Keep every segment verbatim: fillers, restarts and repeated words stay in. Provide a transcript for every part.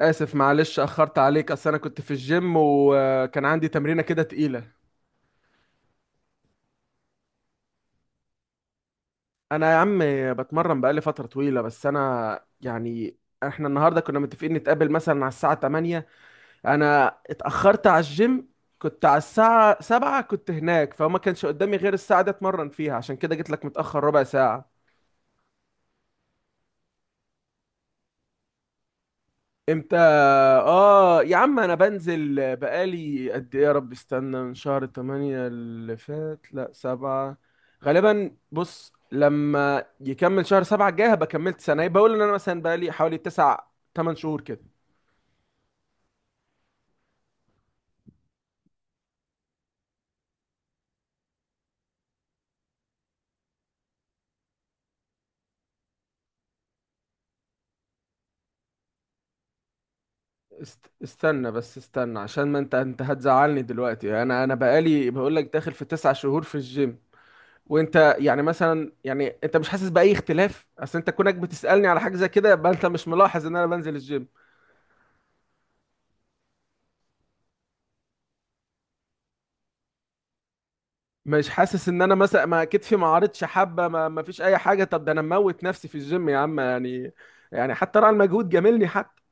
اسف معلش اخرت عليك. اصل انا كنت في الجيم وكان عندي تمرينه كده تقيله. انا يا عم بتمرن بقالي فتره طويله، بس انا يعني احنا النهارده كنا متفقين نتقابل مثلا على الساعه ثمانية. انا اتاخرت على الجيم، كنت على الساعه سبعة كنت هناك، فما كانش قدامي غير الساعه دي اتمرن فيها، عشان كده جيت لك متاخر ربع ساعه. امتى؟ اه يا عم انا بنزل بقالي قد ايه، يا رب استنى، من شهر ثمانية اللي فات، لا سبعة غالبا. بص، لما يكمل شهر سبعة الجاي هبقى كملت سنة، يبقى اقول ان انا مثلا بقالي حوالي تسع، تمن شهور كده. است... استنى بس استنى، عشان ما انت انت هتزعلني دلوقتي، انا انا بقالي بقول لك داخل في تسع شهور في الجيم، وانت يعني مثلا يعني انت مش حاسس باي اختلاف؟ اصل انت كونك بتسألني على حاجة زي كده يبقى انت مش ملاحظ ان انا بنزل الجيم. مش حاسس ان انا مثلا ما كتفي ما عارضش حبه، ما, ما فيش اي حاجه؟ طب ده انا مموت نفسي في الجيم يا عم، يعني يعني حتى راعي المجهود جاملني حتى.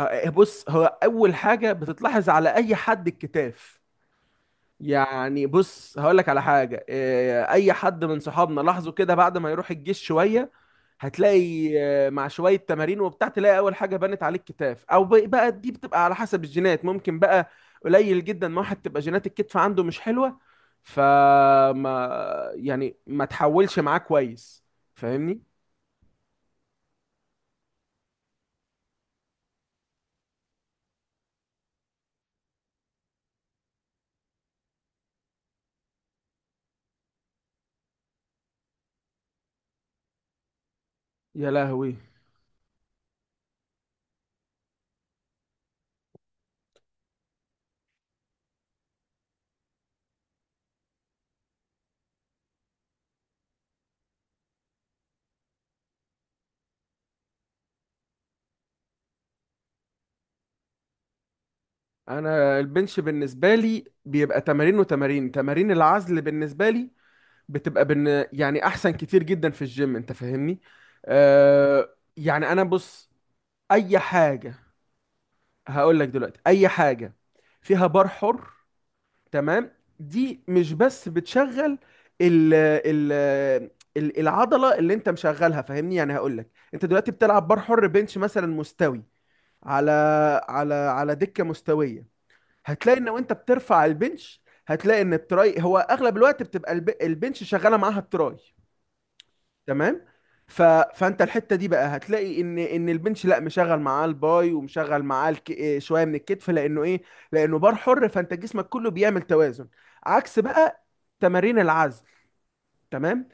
آه، بص، هو اول حاجه بتتلاحظ على اي حد الكتاف. يعني بص هقول لك على حاجه، آه، اي حد من صحابنا لاحظوا كده بعد ما يروح الجيش شويه هتلاقي، آه، مع شوية تمارين وبتاع تلاقي أول حاجة بنت عليك كتاف، أو ب- بقى دي بتبقى على حسب الجينات. ممكن بقى قليل جدا ما واحد تبقى جينات الكتف عنده مش حلوة فما يعني ما تحولش معاه كويس. فاهمني؟ يا لهوي. أنا البنش بالنسبة لي بيبقى تمارين، وتمارين تمارين العزل بالنسبة لي بتبقى بن... يعني أحسن كتير جدا في الجيم. أنت فاهمني؟ أه يعني أنا بص أي حاجة. هقول لك دلوقتي اي حاجه فيها بار حر، تمام، دي مش بس بتشغل ال ال ال- العضله اللي انت مشغلها، فاهمني. يعني هقول لك انت دلوقتي بتلعب بار حر بنش مثلا مستوي، على على على دكه مستويه، هتلاقي ان وانت بترفع البنش هتلاقي ان التراي هو اغلب الوقت بتبقى الب- البنش شغاله معاها التراي، تمام. ف... فانت الحته دي بقى هتلاقي ان ان البنش لا مشغل معاه الباي ومشغل معاه الك... إيه شويه من الكتف، لانه ايه، لانه بار حر، فانت جسمك كله بيعمل توازن عكس بقى تمارين العزل. تمام.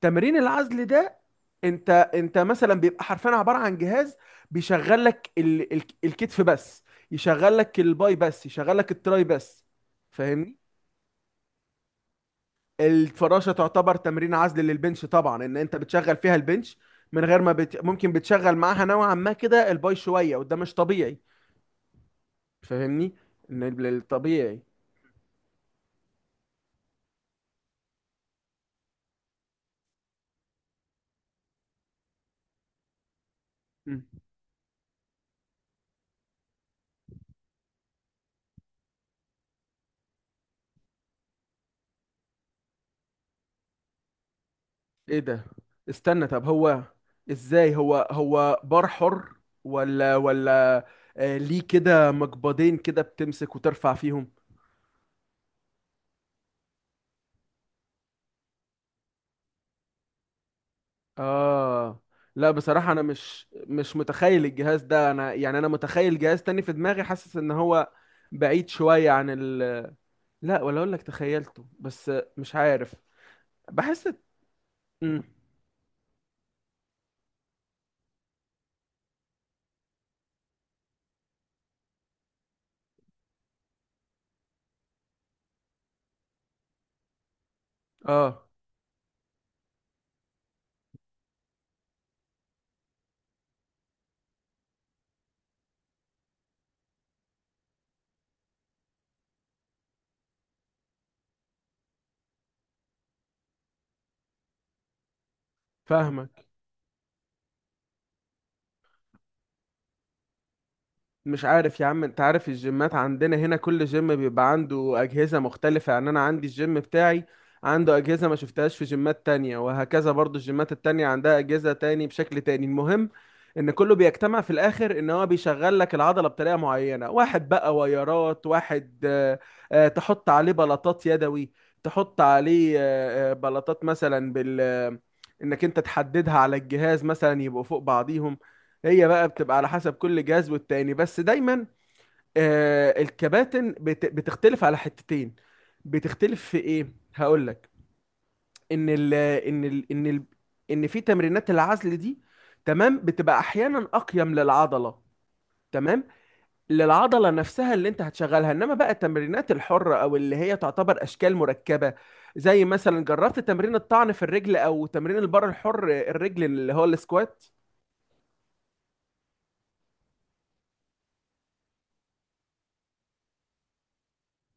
تمرين العزل ده انت انت مثلا بيبقى حرفيا عباره عن جهاز بيشغل لك ال... ال... الكتف بس، يشغل لك الباي بس، يشغل لك التراي بس. فاهمني؟ الفراشه تعتبر تمرين عزل للبنش، طبعا ان انت بتشغل فيها البنش من غير ما بت... ممكن بتشغل معاها نوعا ما كده الباي شويه، وده مش طبيعي، فاهمني. ان ال- الطبيعي. مم. ايه ده؟ استنى، طب هو ازاي؟ هو هو بار حر، ولا ولا آه ليه كده مقبضين كده بتمسك وترفع فيهم؟ اه، لا بصراحة انا مش مش متخيل الجهاز ده. انا يعني انا متخيل جهاز تاني في دماغي، حاسس ان هو بعيد شوية عن ال، لا ولا اقول لك تخيلته، بس مش عارف، بحس. مم. اه. فاهمك. مش عارف يا عم، انت عارف الجيمات عندنا هنا كل جيم بيبقى عنده اجهزة مختلفة، يعني انا عندي الجيم بتاعي عنده اجهزة ما شفتهاش في جيمات تانية، وهكذا برضو الجيمات التانية عندها اجهزة تاني بشكل تاني. المهم ان كله بيجتمع في الاخر ان هو بيشغل لك العضلة بطريقة معينة. واحد بقى ويرات، واحد آه، آه، تحط عليه بلاطات يدوي، تحط عليه آه، آه، بلاطات مثلا بال آه، انك انت تحددها على الجهاز مثلا يبقوا فوق بعضيهم. هي بقى بتبقى على حسب كل جهاز والتاني، بس دايما آه الكباتن بت بتختلف على حتتين. بتختلف في ايه؟ هقول لك. ان ال ان ال ان ال ان في تمرينات العزل دي، تمام، بتبقى احيانا اقيم للعضله، تمام، للعضله نفسها اللي انت هتشغلها. انما بقى التمرينات الحره، او اللي هي تعتبر اشكال مركبه، زي مثلا جربت تمرين الطعن في الرجل، او تمرين البار الحر الرجل اللي هو السكوات.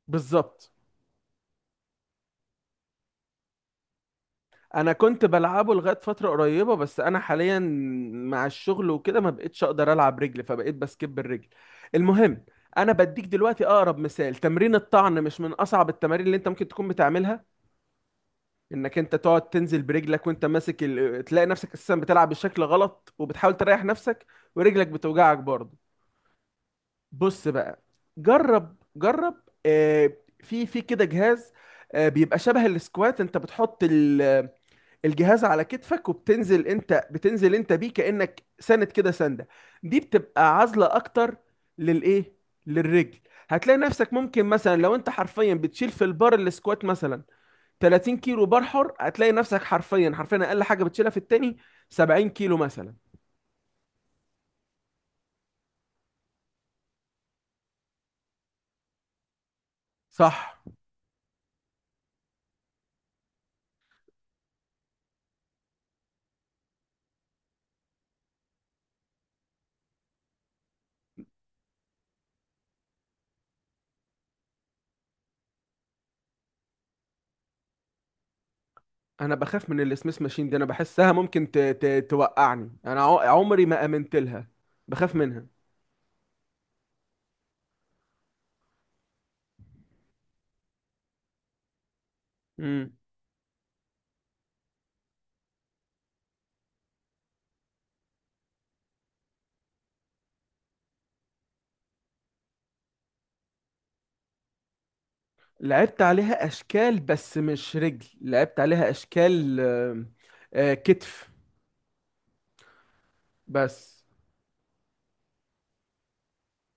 بالظبط. انا كنت بلعبه لغايه فتره قريبه، بس انا حاليا مع الشغل وكده ما بقتش اقدر العب رجل، فبقيت بسكيب الرجل. المهم، انا بديك دلوقتي اقرب مثال. تمرين الطعن مش من اصعب التمارين اللي انت ممكن تكون بتعملها، انك انت تقعد تنزل برجلك وانت ماسك ال... تلاقي نفسك اساسا بتلعب بشكل غلط، وبتحاول تريح نفسك، ورجلك بتوجعك برضه. بص بقى، جرب جرب، آه، في في كده جهاز، آه، بيبقى شبه السكوات، انت بتحط ال الجهاز على كتفك وبتنزل، انت بتنزل انت بيه كأنك سند كده سندة، دي بتبقى عازلة اكتر للايه، للرجل. هتلاقي نفسك ممكن مثلا لو انت حرفيا بتشيل في البار السكوات مثلا ثلاثين كيلو بار حر، هتلاقي نفسك حرفيا حرفيا اقل حاجة بتشيلها في التاني سبعين كيلو مثلا. صح. انا بخاف من السميث ماشين دي، انا بحسها ممكن ت... ت... توقعني. انا ع- عمري ما امنت لها، بخاف منها. لعبت عليها اشكال بس مش رجل، لعبت عليها اشكال، آه، آه، كتف بس.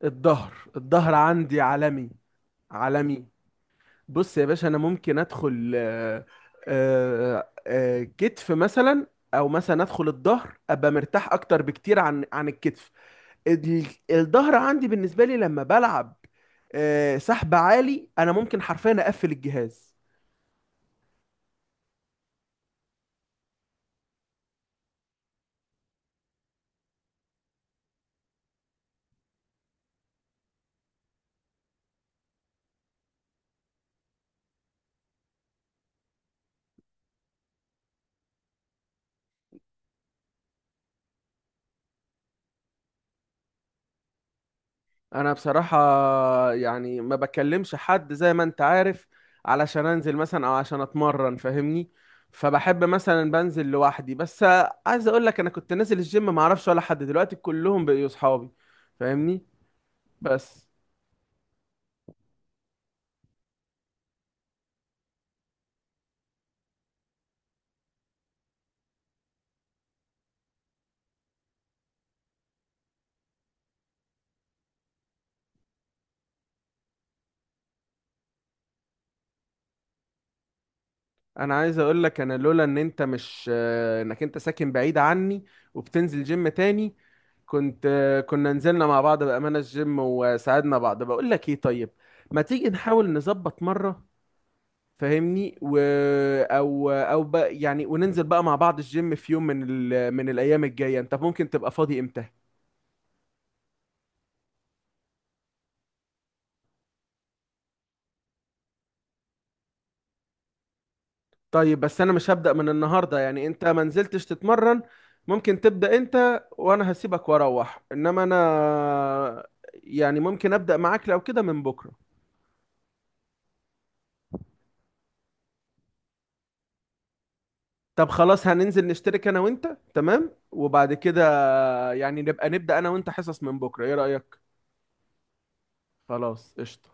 الظهر، الظهر عندي عالمي، عالمي. بص يا باشا، انا ممكن ادخل آه، آه، آه، كتف مثلا، او مثلا ادخل الظهر ابقى مرتاح اكتر بكتير عن عن الكتف. ال- الظهر عندي بالنسبه لي لما بلعب آه، سحب عالي، انا ممكن حرفيا اقفل الجهاز. انا بصراحة يعني ما بكلمش حد زي ما انت عارف علشان انزل مثلا او عشان اتمرن، فاهمني، فبحب مثلا بنزل لوحدي بس. عايز اقول لك، انا كنت نازل الجيم ما اعرفش ولا حد، دلوقتي كلهم بقوا اصحابي، فاهمني. بس انا عايز اقول لك، انا لولا ان انت مش، آه، انك انت ساكن بعيد عني وبتنزل جيم تاني، كنت، آه، كنا نزلنا مع بعض بأمانة الجيم وساعدنا بعض. بقول لك ايه، طيب ما تيجي نحاول نظبط مرة، فاهمني، و او او بقى يعني وننزل بقى مع بعض الجيم في يوم من ال... من الايام الجايه. انت ممكن تبقى فاضي امتى؟ طيب، بس انا مش هبدأ من النهارده، يعني انت ما نزلتش تتمرن ممكن تبدأ انت وانا هسيبك واروح، انما انا يعني ممكن أبدأ معاك لو كده من بكره. طب خلاص، هننزل نشترك انا وانت، تمام، وبعد كده يعني نبقى نبدأ انا وانت حصص من بكره، ايه رأيك؟ خلاص قشطة.